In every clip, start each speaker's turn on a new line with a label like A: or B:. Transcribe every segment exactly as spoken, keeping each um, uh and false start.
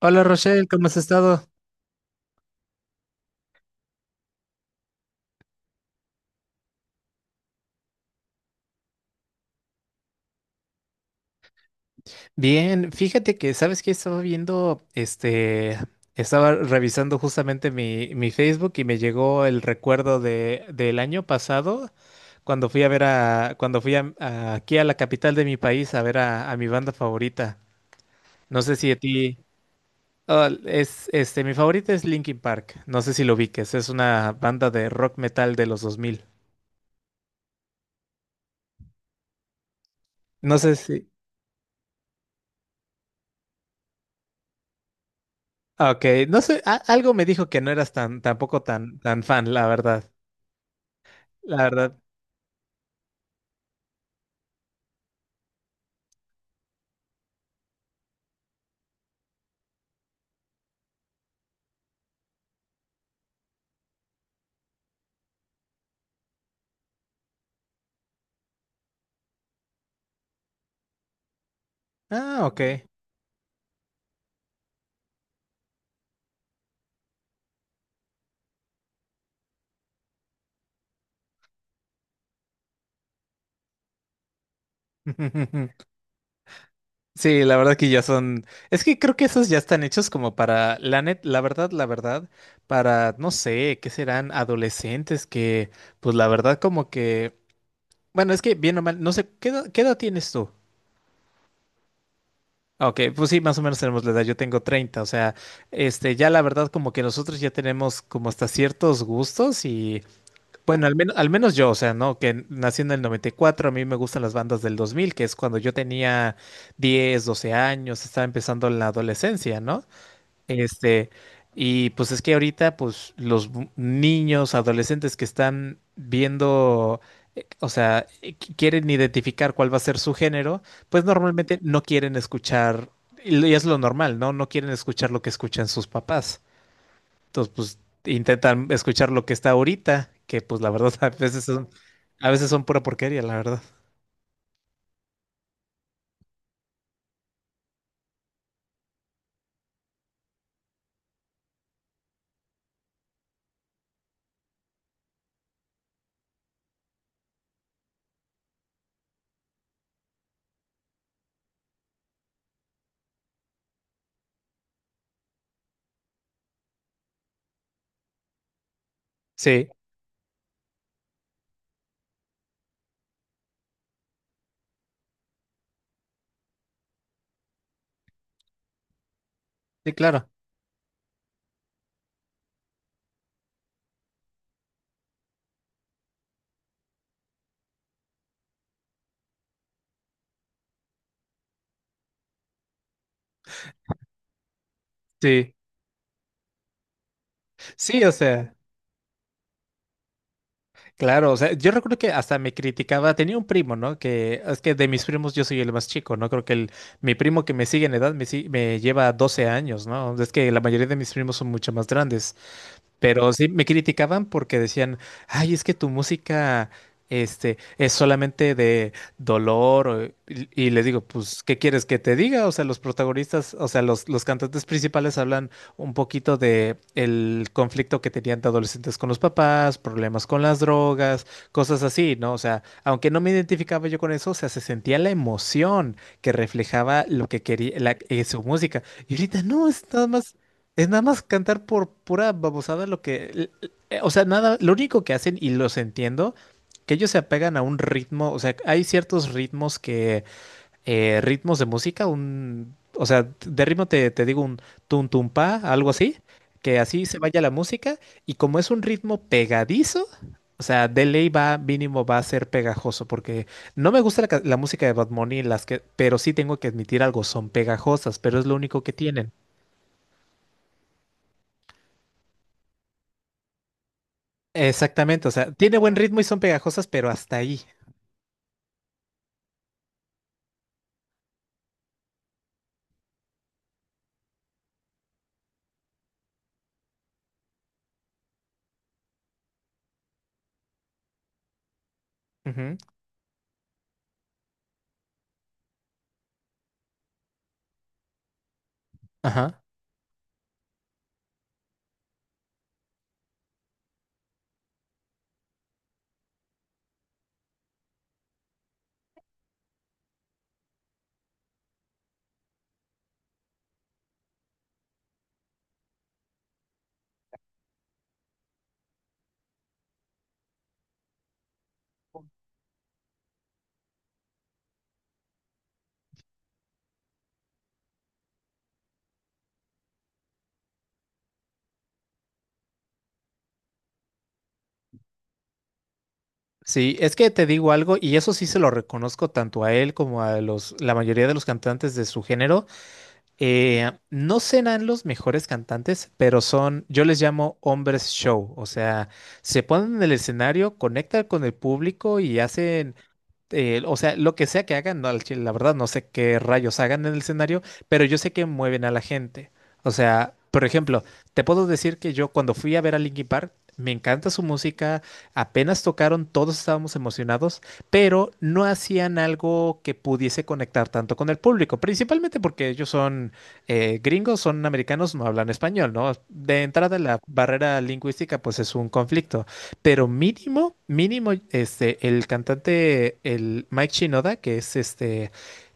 A: Hola Rochelle, ¿cómo has estado? Bien, fíjate que, ¿sabes qué? Estaba viendo, este, estaba revisando justamente mi, mi Facebook y me llegó el recuerdo de, del año pasado, cuando fui a ver a, cuando fui a- a- aquí a la capital de mi país a ver a, a mi banda favorita. No sé si a ti, oh, es, este, mi favorita es Linkin Park, no sé si lo ubiques, es una banda de rock metal de los dos mil. No sé si, ah, ok, no sé, a- algo me dijo que no eras tan, tampoco tan, tan fan, la verdad. La verdad. Ah, ok. Sí, la verdad que ya son. Es que creo que esos ya están hechos como para, la net, la verdad, la verdad, para, no sé, ¿qué serán? Adolescentes que, pues la verdad, como que. Bueno, es que bien o mal, no sé, ¿qué edad, qué edad tienes tú? Ah, ok, pues sí, más o menos tenemos la edad. Yo tengo treinta, o sea, este, ya la verdad, como que nosotros ya tenemos como hasta ciertos gustos y bueno, al menos, al menos yo, o sea, ¿no? Que nací en el noventa y cuatro, a mí me gustan las bandas del dos mil, que es cuando yo tenía diez, doce años, estaba empezando la adolescencia, ¿no? Este, y pues es que ahorita, pues los bu- niños, adolescentes que están viendo, eh, o sea, eh, qui- quieren identificar cuál va a ser su género, pues normalmente no quieren escuchar, y lo- y es lo normal, ¿no? No quieren escuchar lo que escuchan sus papás. Entonces, pues intentan escuchar lo que está ahorita, que pues la verdad a veces son, a veces son pura porquería, la verdad. Sí, sí, claro. Sí, sí, o sea, claro, o sea, yo recuerdo que hasta me criticaba, tenía un primo, ¿no? Que es que de mis primos yo soy el más chico, ¿no? Creo que el, mi primo que me sigue en edad me, si- me lleva doce años, ¿no? Es que la mayoría de mis primos son mucho más grandes. Pero sí, me criticaban porque decían, ay, es que tu música, este, es solamente de dolor. o- Y, y les digo, pues, ¿qué quieres que te diga? O sea, los protagonistas, o sea, los, los cantantes principales hablan un poquito de el conflicto que tenían de adolescentes con los papás, problemas con las drogas, cosas así, ¿no? O sea, aunque no me identificaba yo con eso, o sea, se sentía la emoción que reflejaba lo que quería, la- eh, su música. Y ahorita no, es nada más es nada más cantar por pura babosada lo que, l- l- eh, o sea, nada, lo único que hacen, y los entiendo, que ellos se apegan a un ritmo, o sea, hay ciertos ritmos que, eh, ritmos de música, un, o sea, de ritmo te, te digo un tum tum pa, algo así, que así se vaya la música, y como es un ritmo pegadizo, o sea, de ley va, mínimo va a ser pegajoso, porque no me gusta la, ca- la música de Bad Bunny, las que, pero sí tengo que admitir algo, son pegajosas, pero es lo único que tienen. Exactamente, o sea, tiene buen ritmo y son pegajosas, pero hasta ahí. Ujú, ajá. Sí, es que te digo algo, y eso sí se lo reconozco tanto a él como a los, la mayoría de los cantantes de su género. Eh, no serán los mejores cantantes, pero son, yo les llamo hombres show. O sea, se ponen en el escenario, conectan con el público y hacen eh, o sea, lo que sea que hagan, no, al chile, la verdad no sé qué rayos hagan en el escenario, pero yo sé que mueven a la gente. O sea, por ejemplo, te puedo decir que yo cuando fui a ver a Linkin Park, me encanta su música, apenas tocaron, todos estábamos emocionados, pero no hacían algo que pudiese conectar tanto con el público, principalmente porque ellos son eh, gringos, son americanos, no hablan español, ¿no? De entrada la barrera lingüística pues es un conflicto. Pero mínimo, mínimo, este, el cantante, el Mike Shinoda, que es este,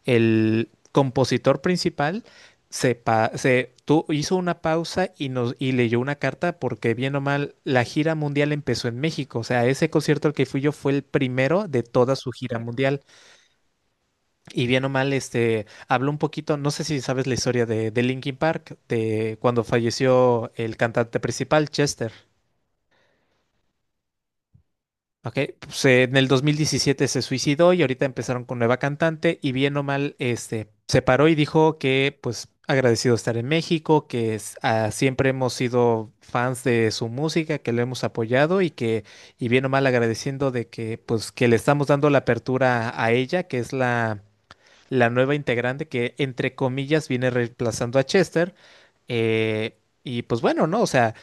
A: el compositor principal, se, pa- se tu- hizo una pausa y nos y leyó una carta porque bien o mal la gira mundial empezó en México. O sea, ese concierto al que fui yo fue el primero de toda su gira mundial. Y bien o mal, este, habló un poquito, no sé si sabes la historia de, de Linkin Park, de cuando falleció el cantante principal, Chester. Ok, pues, eh, en el dos mil diecisiete se suicidó y ahorita empezaron con nueva cantante y bien o mal, este, se paró y dijo que pues agradecido estar en México, que es- ah, siempre hemos sido fans de su música, que lo hemos apoyado y que, y bien o mal agradeciendo de que pues que le estamos dando la apertura a ella, que es la, la nueva integrante que entre comillas viene reemplazando a Chester. Eh, y pues bueno, ¿no? O sea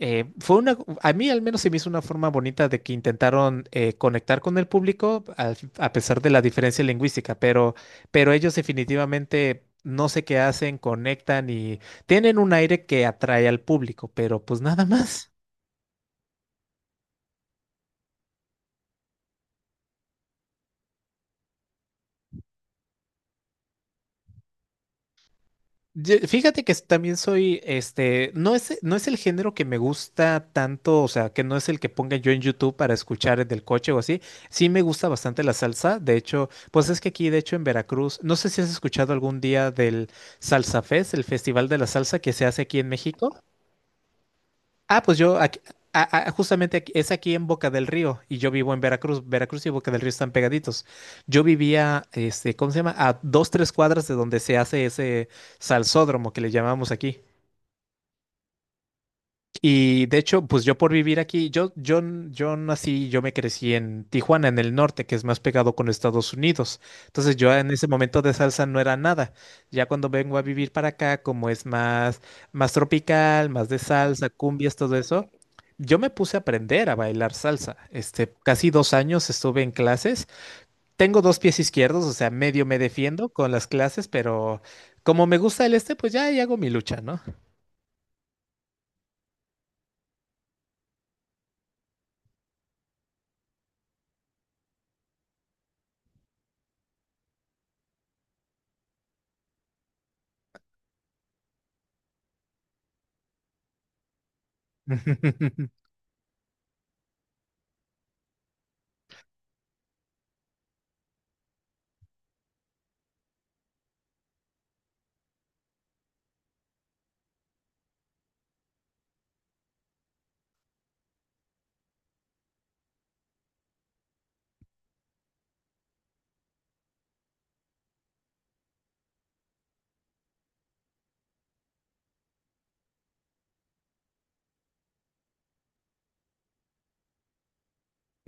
A: eh, fue una, a mí al menos se me hizo una forma bonita de que intentaron eh, conectar con el público al- a pesar de la diferencia lingüística, pero, pero ellos definitivamente no sé qué hacen, conectan y tienen un aire que atrae al público, pero pues nada más. Ye- Fíjate que también soy, este, no es, eh, no es el género que me gusta tanto, o sea, que no es el que ponga yo en YouTube para escuchar en el coche o así. Sí me gusta bastante la salsa. De hecho, pues es que aquí, de hecho, en Veracruz, no sé si has escuchado algún día del Salsa Fest, el Festival de la Salsa que se hace aquí en México. Ah, pues yo aquí- a- a- justamente aquí- es aquí en Boca del Río y yo vivo en Veracruz. Veracruz y Boca del Río están pegaditos. Yo vivía, este, ¿cómo se llama? A dos, tres cuadras de donde se hace ese salsódromo que le llamamos aquí. Y de hecho, pues yo por vivir aquí, yo, yo, n- yo nací, yo me crecí en Tijuana, en el norte, que es más pegado con Estados Unidos. Entonces yo en ese momento de salsa no era nada. Ya cuando vengo a vivir para acá, como es más, más tropical, más de salsa, cumbias, todo eso, yo me puse a aprender a bailar salsa. Este, casi dos años estuve en clases. Tengo dos pies izquierdos, o sea, medio me defiendo con las clases, pero como me gusta el este, pues ya ahí hago mi lucha, ¿no?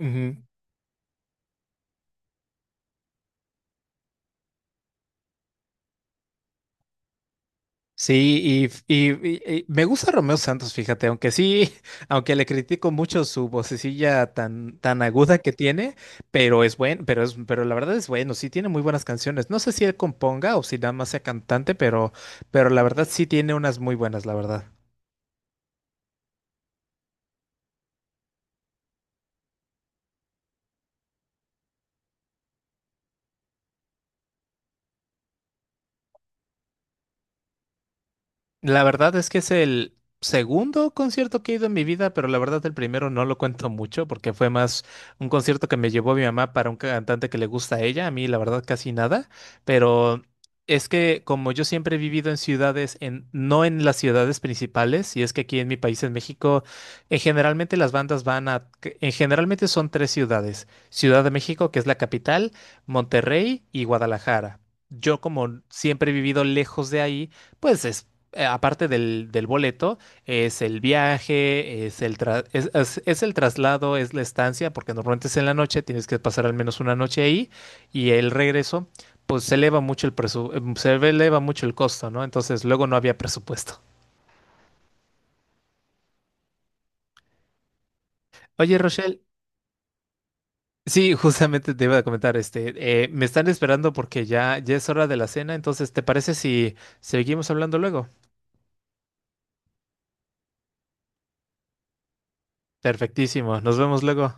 A: Ujú. Sí, y, y- y- y me gusta Romeo Santos, fíjate, aunque sí, aunque le critico mucho su vocecilla tan, tan aguda que tiene, pero es bueno, pero es, pero la verdad es bueno, sí tiene muy buenas canciones. No sé si él componga o si nada más sea cantante, pero, pero la verdad sí tiene unas muy buenas, la verdad. La verdad es que es el segundo concierto que he ido en mi vida, pero la verdad el primero no lo cuento mucho porque fue más un concierto que me llevó mi mamá para un cantante que le gusta a ella, a mí la verdad casi nada, pero es que como yo siempre he vivido en ciudades, en, no en las ciudades principales, y es que aquí en mi país, en México, eh, generalmente las bandas van a, que- en generalmente son tres ciudades, Ciudad de México, que es la capital, Monterrey y Guadalajara. Yo como siempre he vivido lejos de ahí, pues es eh, aparte del, del boleto, es el viaje, es el, tra- es, es- es el traslado, es la estancia, porque normalmente es en la noche, tienes que pasar al menos una noche ahí, y el regreso, pues se eleva mucho el presu- em, se eleva mucho el costo, ¿no? Entonces luego no había presupuesto. Oye, Rochelle, sí, justamente te iba a comentar, este, eh, me están esperando porque ya, ya es hora de la cena, entonces, ¿te parece si seguimos hablando luego? Perfectísimo, nos vemos luego.